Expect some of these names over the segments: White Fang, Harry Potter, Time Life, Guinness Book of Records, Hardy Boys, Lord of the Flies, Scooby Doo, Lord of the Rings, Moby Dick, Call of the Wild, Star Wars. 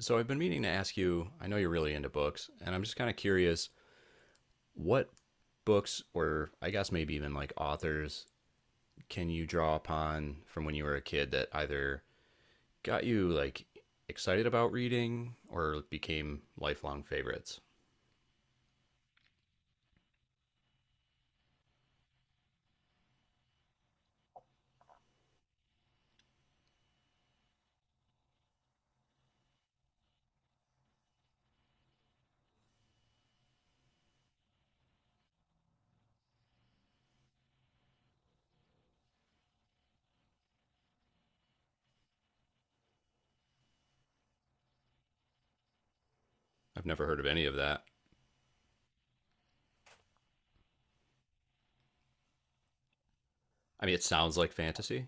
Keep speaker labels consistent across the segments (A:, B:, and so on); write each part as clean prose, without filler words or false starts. A: So I've been meaning to ask you, I know you're really into books, and I'm just kind of curious what books, or I guess maybe even like authors, can you draw upon from when you were a kid that either got you like excited about reading or became lifelong favorites? I've never heard of any of that. I mean, it sounds like fantasy.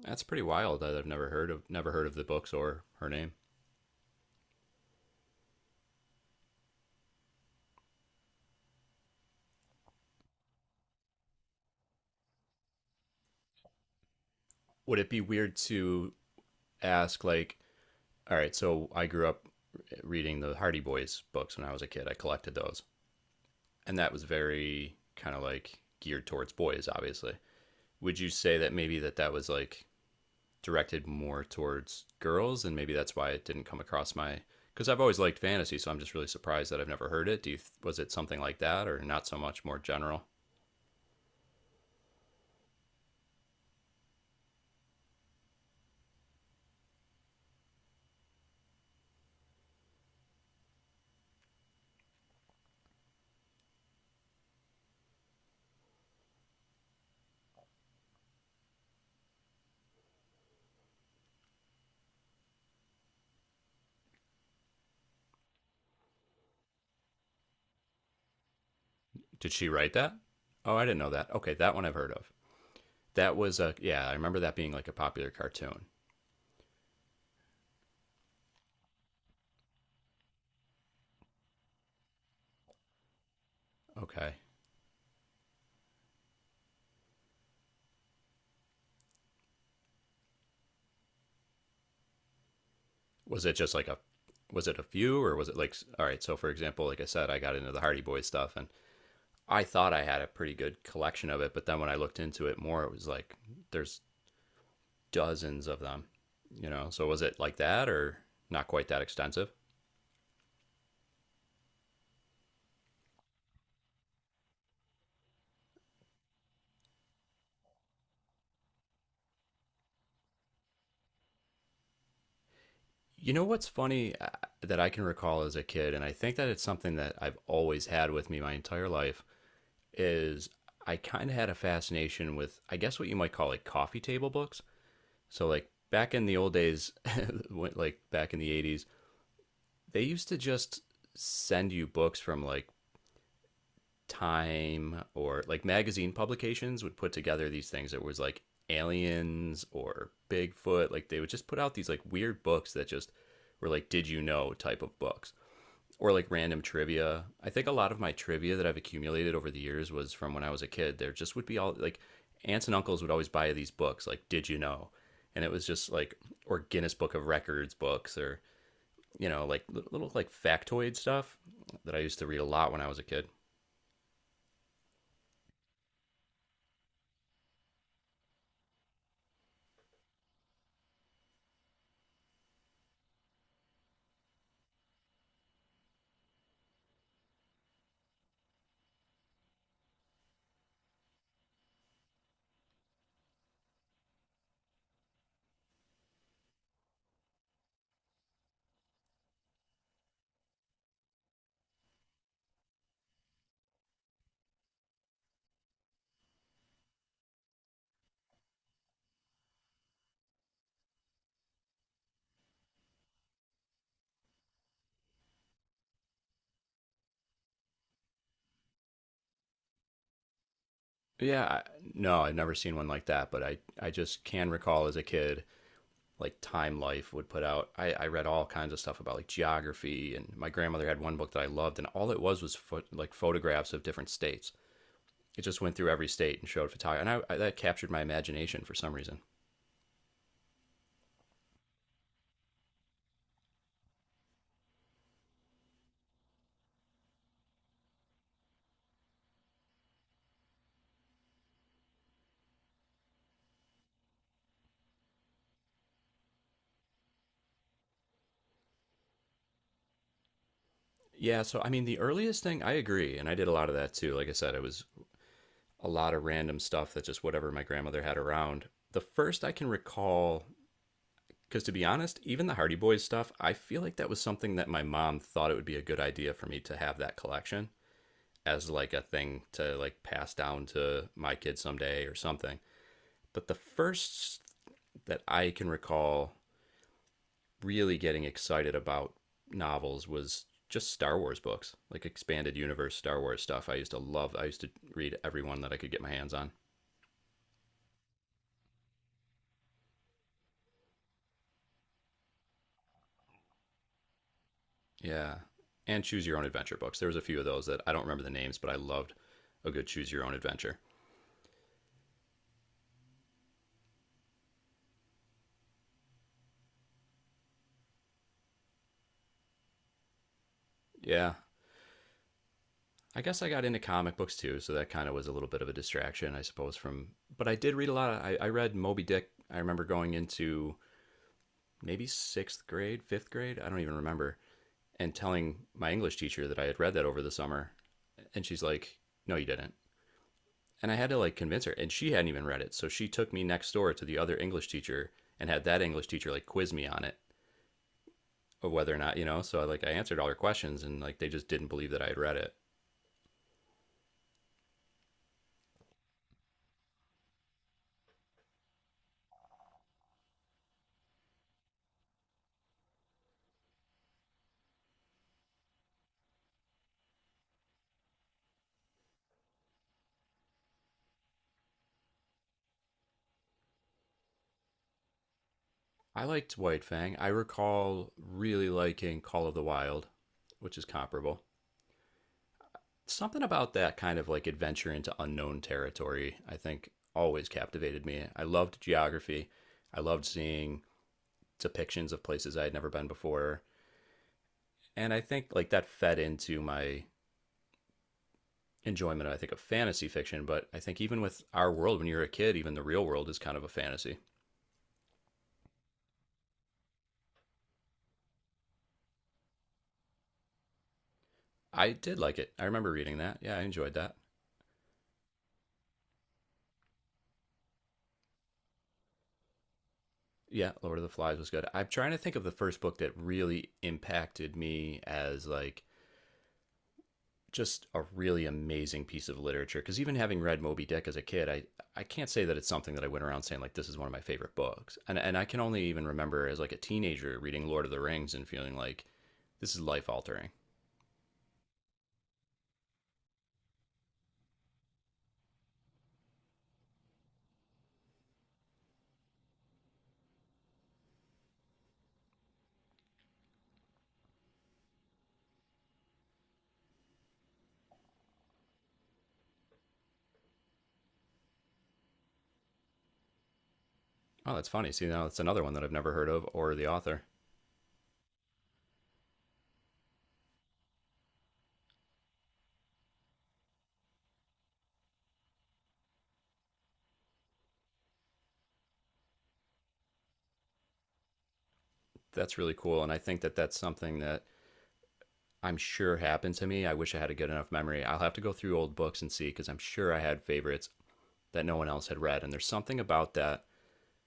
A: That's pretty wild that I've never heard of the books or her name. Would it be weird to ask like, all right, so I grew up reading the Hardy Boys books when I was a kid. I collected those, and that was very kind of like geared towards boys obviously. Would you say that maybe that that was like directed more towards girls, and maybe that's why it didn't come across my, because I've always liked fantasy, so I'm just really surprised that I've never heard it. Do you Was it something like that, or not so much, more general? Did she write that? Oh, I didn't know that. Okay, that one I've heard of. That was a Yeah, I remember that being like a popular cartoon. Okay. was it just like a was it a few, or was it like, all right, so for example, like I said, I got into the Hardy Boys stuff, and I thought I had a pretty good collection of it, but then when I looked into it more, it was like there's dozens of them, you know? So was it like that, or not quite that extensive? You know what's funny, that I can recall as a kid, and I think that it's something that I've always had with me my entire life, is I kind of had a fascination with, I guess, what you might call like coffee table books. So, like back in the old days, like back in the 80s, they used to just send you books from like Time, or like magazine publications would put together these things that was like aliens or Bigfoot. Like they would just put out these like weird books that just were like did you know type of books, or like random trivia. I think a lot of my trivia that I've accumulated over the years was from when I was a kid. There just would be all like aunts and uncles would always buy these books like did you know? And it was just like, or Guinness Book of Records books, or you know, like little like factoid stuff that I used to read a lot when I was a kid. Yeah, no, I've never seen one like that, but I just can recall as a kid, like Time Life would put out. I read all kinds of stuff about like geography, and my grandmother had one book that I loved, and all it was like photographs of different states. It just went through every state and showed photography, and that captured my imagination for some reason. Yeah, so I mean, the earliest thing I agree, and I did a lot of that too. Like I said, it was a lot of random stuff that just whatever my grandmother had around. The first I can recall. Because to be honest, even the Hardy Boys stuff, I feel like that was something that my mom thought it would be a good idea for me to have that collection as like a thing to like pass down to my kids someday or something. But the first that I can recall really getting excited about novels was just Star Wars books, like expanded universe Star Wars stuff. I used to love, I used to read every one that I could get my hands on. Yeah. And choose your own adventure books. There was a few of those that I don't remember the names, but I loved a good choose your own adventure. Yeah, I guess I got into comic books too, so that kind of was a little bit of a distraction, I suppose. From But I did read a lot. I read Moby Dick. I remember going into maybe sixth grade, fifth grade. I don't even remember, and telling my English teacher that I had read that over the summer, and she's like, "No, you didn't." And I had to like convince her, and she hadn't even read it, so she took me next door to the other English teacher and had that English teacher like quiz me on it of whether or not. So like I answered all her questions, and like they just didn't believe that I had read it. I liked White Fang. I recall really liking Call of the Wild, which is comparable. Something about that kind of like adventure into unknown territory, I think, always captivated me. I loved geography. I loved seeing depictions of places I had never been before. And I think like that fed into my enjoyment, I think, of fantasy fiction. But I think even with our world, when you're a kid, even the real world is kind of a fantasy. I did like it. I remember reading that. Yeah, I enjoyed that. Yeah, Lord of the Flies was good. I'm trying to think of the first book that really impacted me as like just a really amazing piece of literature. Because even having read Moby Dick as a kid, I can't say that it's something that I went around saying like this is one of my favorite books. And I can only even remember as like a teenager reading Lord of the Rings and feeling like this is life altering. Oh, that's funny. See, now that's another one that I've never heard of, or the author. That's really cool, and I think that that's something that I'm sure happened to me. I wish I had a good enough memory. I'll have to go through old books and see because I'm sure I had favorites that no one else had read. And there's something about that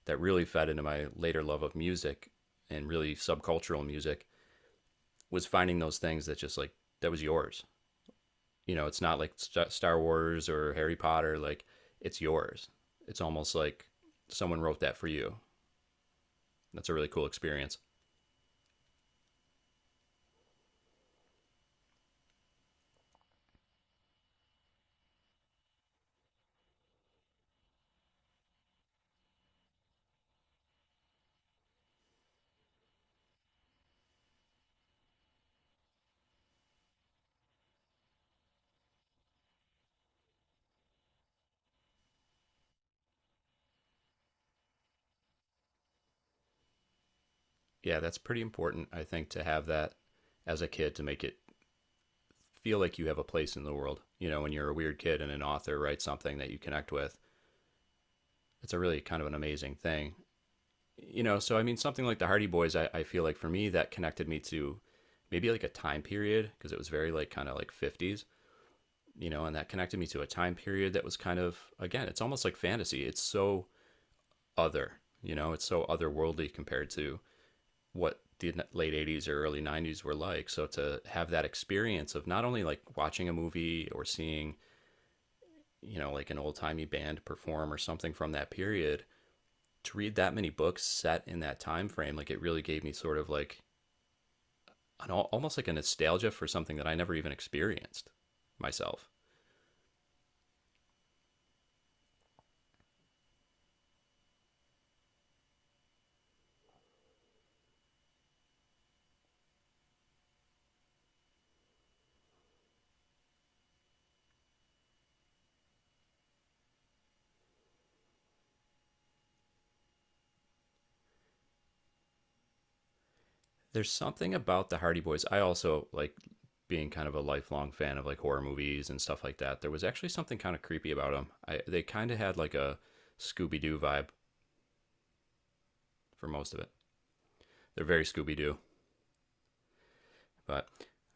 A: that really fed into my later love of music, and really subcultural music, was finding those things that just like, that was yours. You know, it's not like Star Wars or Harry Potter. Like, it's yours. It's almost like someone wrote that for you. That's a really cool experience. Yeah, that's pretty important, I think, to have that as a kid, to make it feel like you have a place in the world. You know, when you're a weird kid and an author writes something that you connect with, it's a really kind of an amazing thing. You know, so I mean, something like the Hardy Boys, I feel like for me, that connected me to maybe like a time period, because it was very like kind of like 50s, you know, and that connected me to a time period that was kind of, again, it's almost like fantasy. It's so other, you know, it's so otherworldly compared to what the late 80s or early 90s were like. So to have that experience of not only like watching a movie or seeing, you know, like an old timey band perform or something from that period, to read that many books set in that time frame, like it really gave me sort of like an, almost like a nostalgia for something that I never even experienced myself. There's something about the Hardy Boys. I also like being kind of a lifelong fan of like horror movies and stuff like that. There was actually something kind of creepy about them. They kind of had like a Scooby Doo vibe for most of it. They're very Scooby Doo. But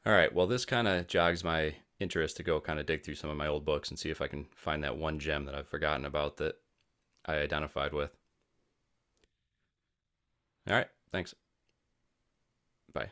A: all right, well, this kind of jogs my interest to go kind of dig through some of my old books and see if I can find that one gem that I've forgotten about that I identified with. All right, thanks. Bye.